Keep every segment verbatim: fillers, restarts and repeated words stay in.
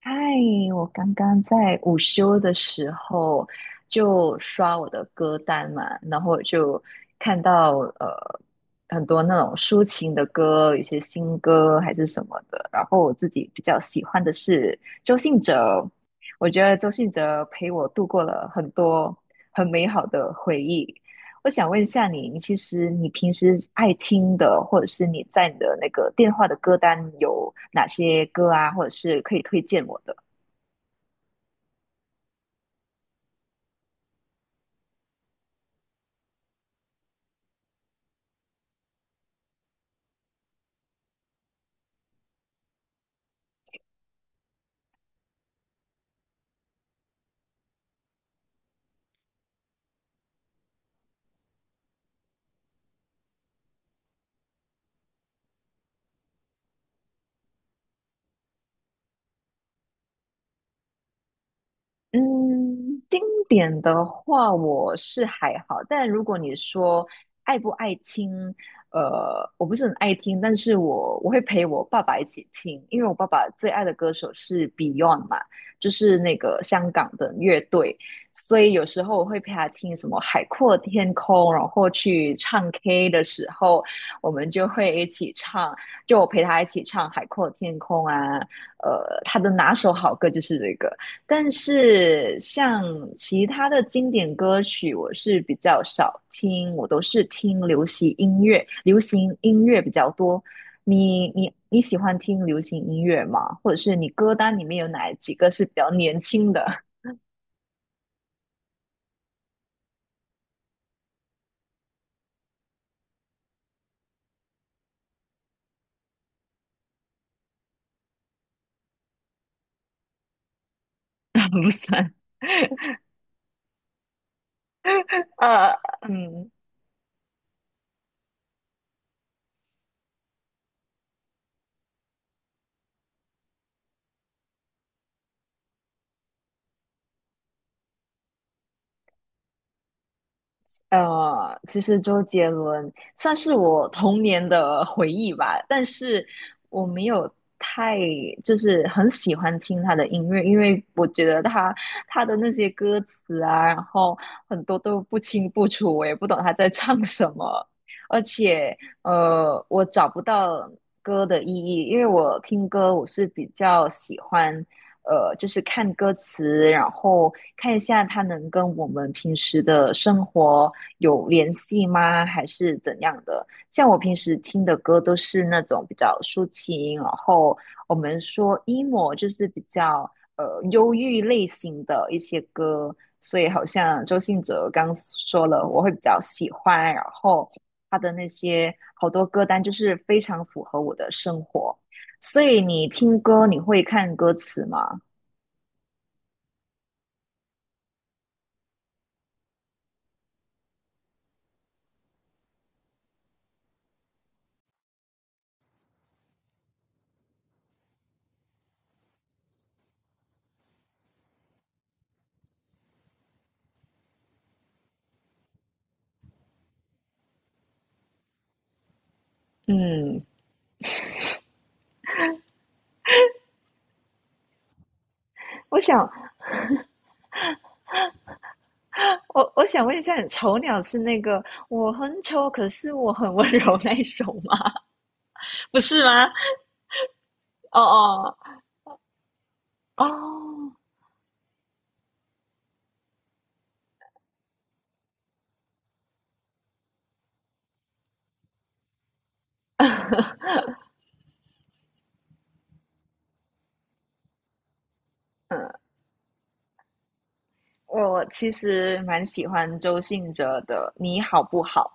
嗨，我刚刚在午休的时候就刷我的歌单嘛，然后就看到呃很多那种抒情的歌，一些新歌还是什么的。然后我自己比较喜欢的是周信哲，我觉得周信哲陪我度过了很多很美好的回忆。我想问一下你，你其实你平时爱听的，或者是你在你的那个电话的歌单有哪些歌啊，或者是可以推荐我的？嗯，经典的话我是还好，但如果你说爱不爱听，呃，我不是很爱听，但是我我会陪我爸爸一起听，因为我爸爸最爱的歌手是 Beyond 嘛，就是那个香港的乐队，所以有时候我会陪他听什么《海阔天空》，然后去唱 K 的时候，我们就会一起唱，就我陪他一起唱《海阔天空》啊，呃，他的拿手好歌就是这个。但是像其他的经典歌曲，我是比较少听，我都是听流行音乐，流行音乐比较多。你你你喜欢听流行音乐吗？或者是你歌单里面有哪几个是比较年轻的？不算。呃，嗯，呃，其实周杰伦算是我童年的回忆吧，但是我没有太就是很喜欢听他的音乐，因为我觉得他他的那些歌词啊，然后很多都不清不楚，我也不懂他在唱什么，而且呃，我找不到歌的意义，因为我听歌我是比较喜欢呃，就是看歌词，然后看一下它能跟我们平时的生活有联系吗？还是怎样的？像我平时听的歌都是那种比较抒情，然后我们说 emo 就是比较呃忧郁类型的一些歌，所以好像周信哲刚说了，我会比较喜欢，然后他的那些好多歌单就是非常符合我的生活。所以你听歌，你会看歌词吗？嗯，我想，我我想问一下，你丑鸟是那个我很丑，可是我很温柔那一首吗？不是吗？哦哦哦，嗯我其实蛮喜欢周信哲的《你好不好》，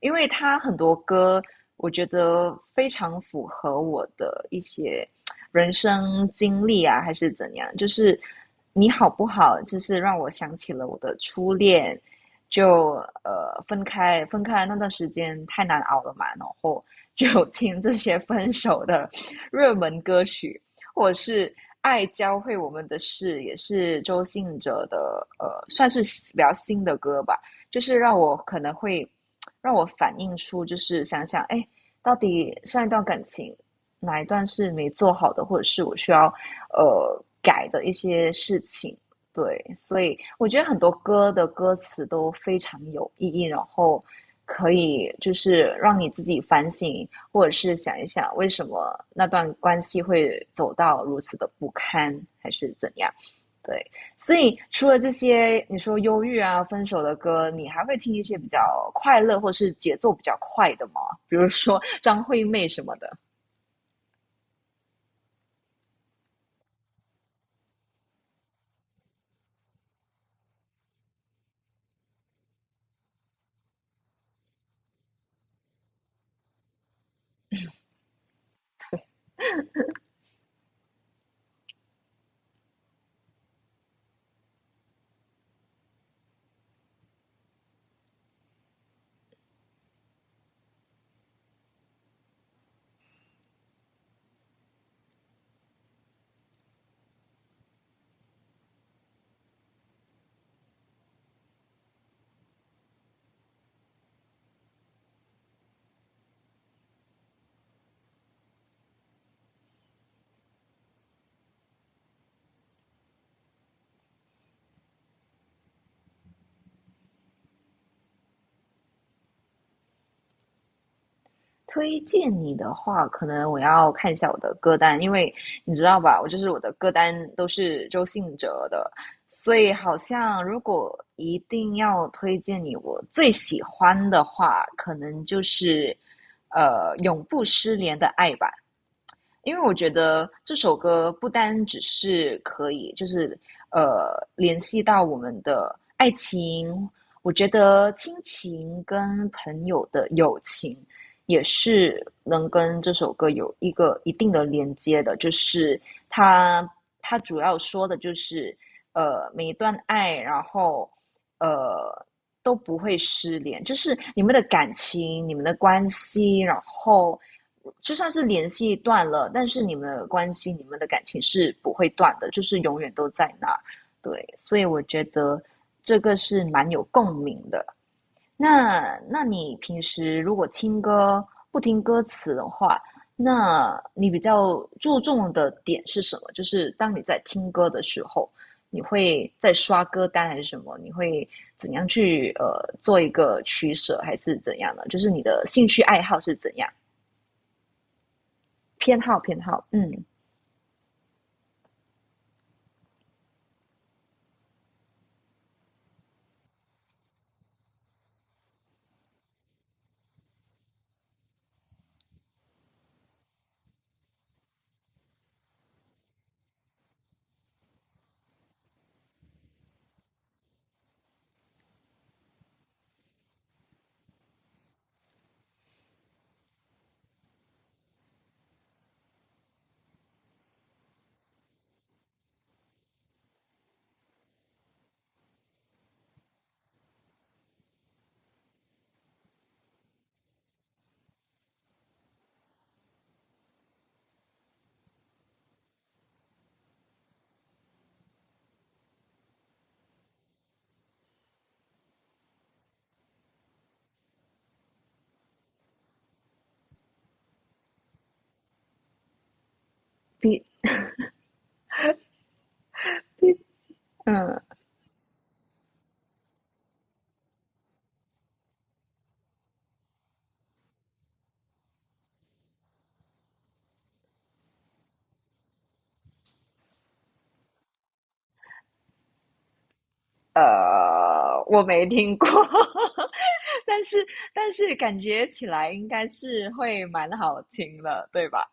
因为他很多歌，我觉得非常符合我的一些人生经历啊，还是怎样。就是你好不好，就是让我想起了我的初恋，就呃分开分开那段时间太难熬了嘛，然后就听这些分手的热门歌曲，或者是爱教会我们的事，也是周信哲的呃，算是比较新的歌吧，就是让我可能会让我反映出，就是想想，哎，到底上一段感情哪一段是没做好的，或者是我需要呃改的一些事情。对，所以我觉得很多歌的歌词都非常有意义，然后可以就是让你自己反省，或者是想一想为什么那段关系会走到如此的不堪，还是怎样？对，所以除了这些你说忧郁啊、分手的歌，你还会听一些比较快乐或是节奏比较快的吗？比如说张惠妹什么的。推荐你的话，可能我要看一下我的歌单，因为你知道吧，我就是我的歌单都是周信哲的，所以好像如果一定要推荐你我最喜欢的话，可能就是呃永不失联的爱吧。因为我觉得这首歌不单只是可以，就是呃联系到我们的爱情，我觉得亲情跟朋友的友情也是能跟这首歌有一个一定的连接的，就是它它主要说的就是，呃，每一段爱，然后呃都不会失联，就是你们的感情、你们的关系，然后就算是联系断了，但是你们的关系、你们的感情是不会断的，就是永远都在那儿。对，所以我觉得这个是蛮有共鸣的。那那你平时如果听歌不听歌词的话，那你比较注重的点是什么？就是当你在听歌的时候，你会在刷歌单还是什么？你会怎样去呃做一个取舍，还是怎样呢？就是你的兴趣爱好是怎样？偏好偏好，嗯，比嗯呃，我没听过。但是但是感觉起来应该是会蛮好听的，对吧？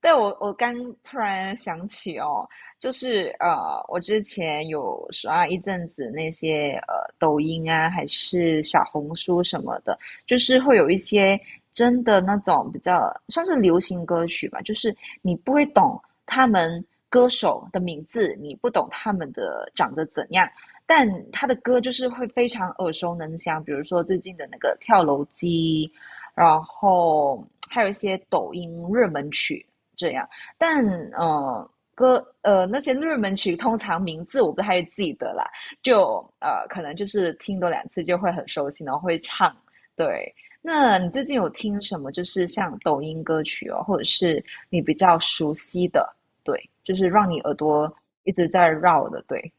但我我刚突然想起哦，就是呃，我之前有刷一阵子那些呃抖音啊，还是小红书什么的，就是会有一些真的那种比较算是流行歌曲吧，就是你不会懂他们歌手的名字，你不懂他们的长得怎样，但他的歌就是会非常耳熟能详，比如说最近的那个跳楼机，然后还有一些抖音热门曲这样。但呃，歌呃那些热门曲通常名字我不太记得啦，就呃可能就是听多两次就会很熟悉，然后会唱。对，那你最近有听什么？就是像抖音歌曲哦，或者是你比较熟悉的，对，就是让你耳朵一直在绕的，对。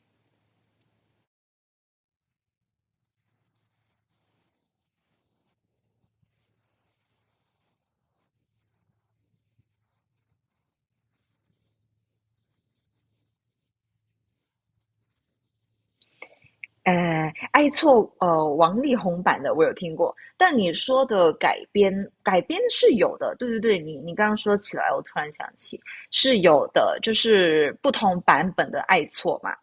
哎，爱错呃，王力宏版的我有听过，但你说的改编改编是有的，对对对，你你刚刚说起来，我突然想起是有的，就是不同版本的爱错嘛。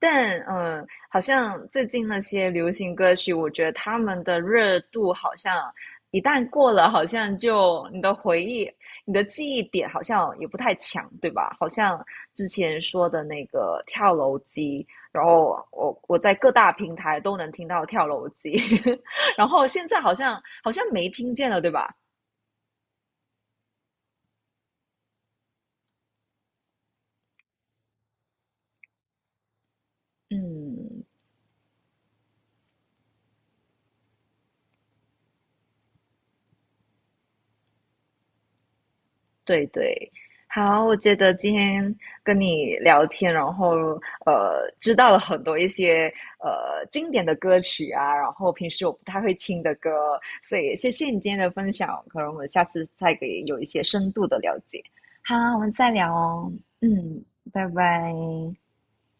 但嗯，呃好像最近那些流行歌曲，我觉得他们的热度好像一旦过了，好像就你的回忆、你的记忆点好像也不太强，对吧？好像之前说的那个跳楼机，然后我我在各大平台都能听到跳楼机，然后现在好像好像没听见了，对吧？嗯对对，好，我觉得今天跟你聊天，然后呃，知道了很多一些呃经典的歌曲啊，然后平时我不太会听的歌，所以谢谢你今天的分享，可能我们下次再给有一些深度的了解。好，我们再聊哦，嗯，拜拜。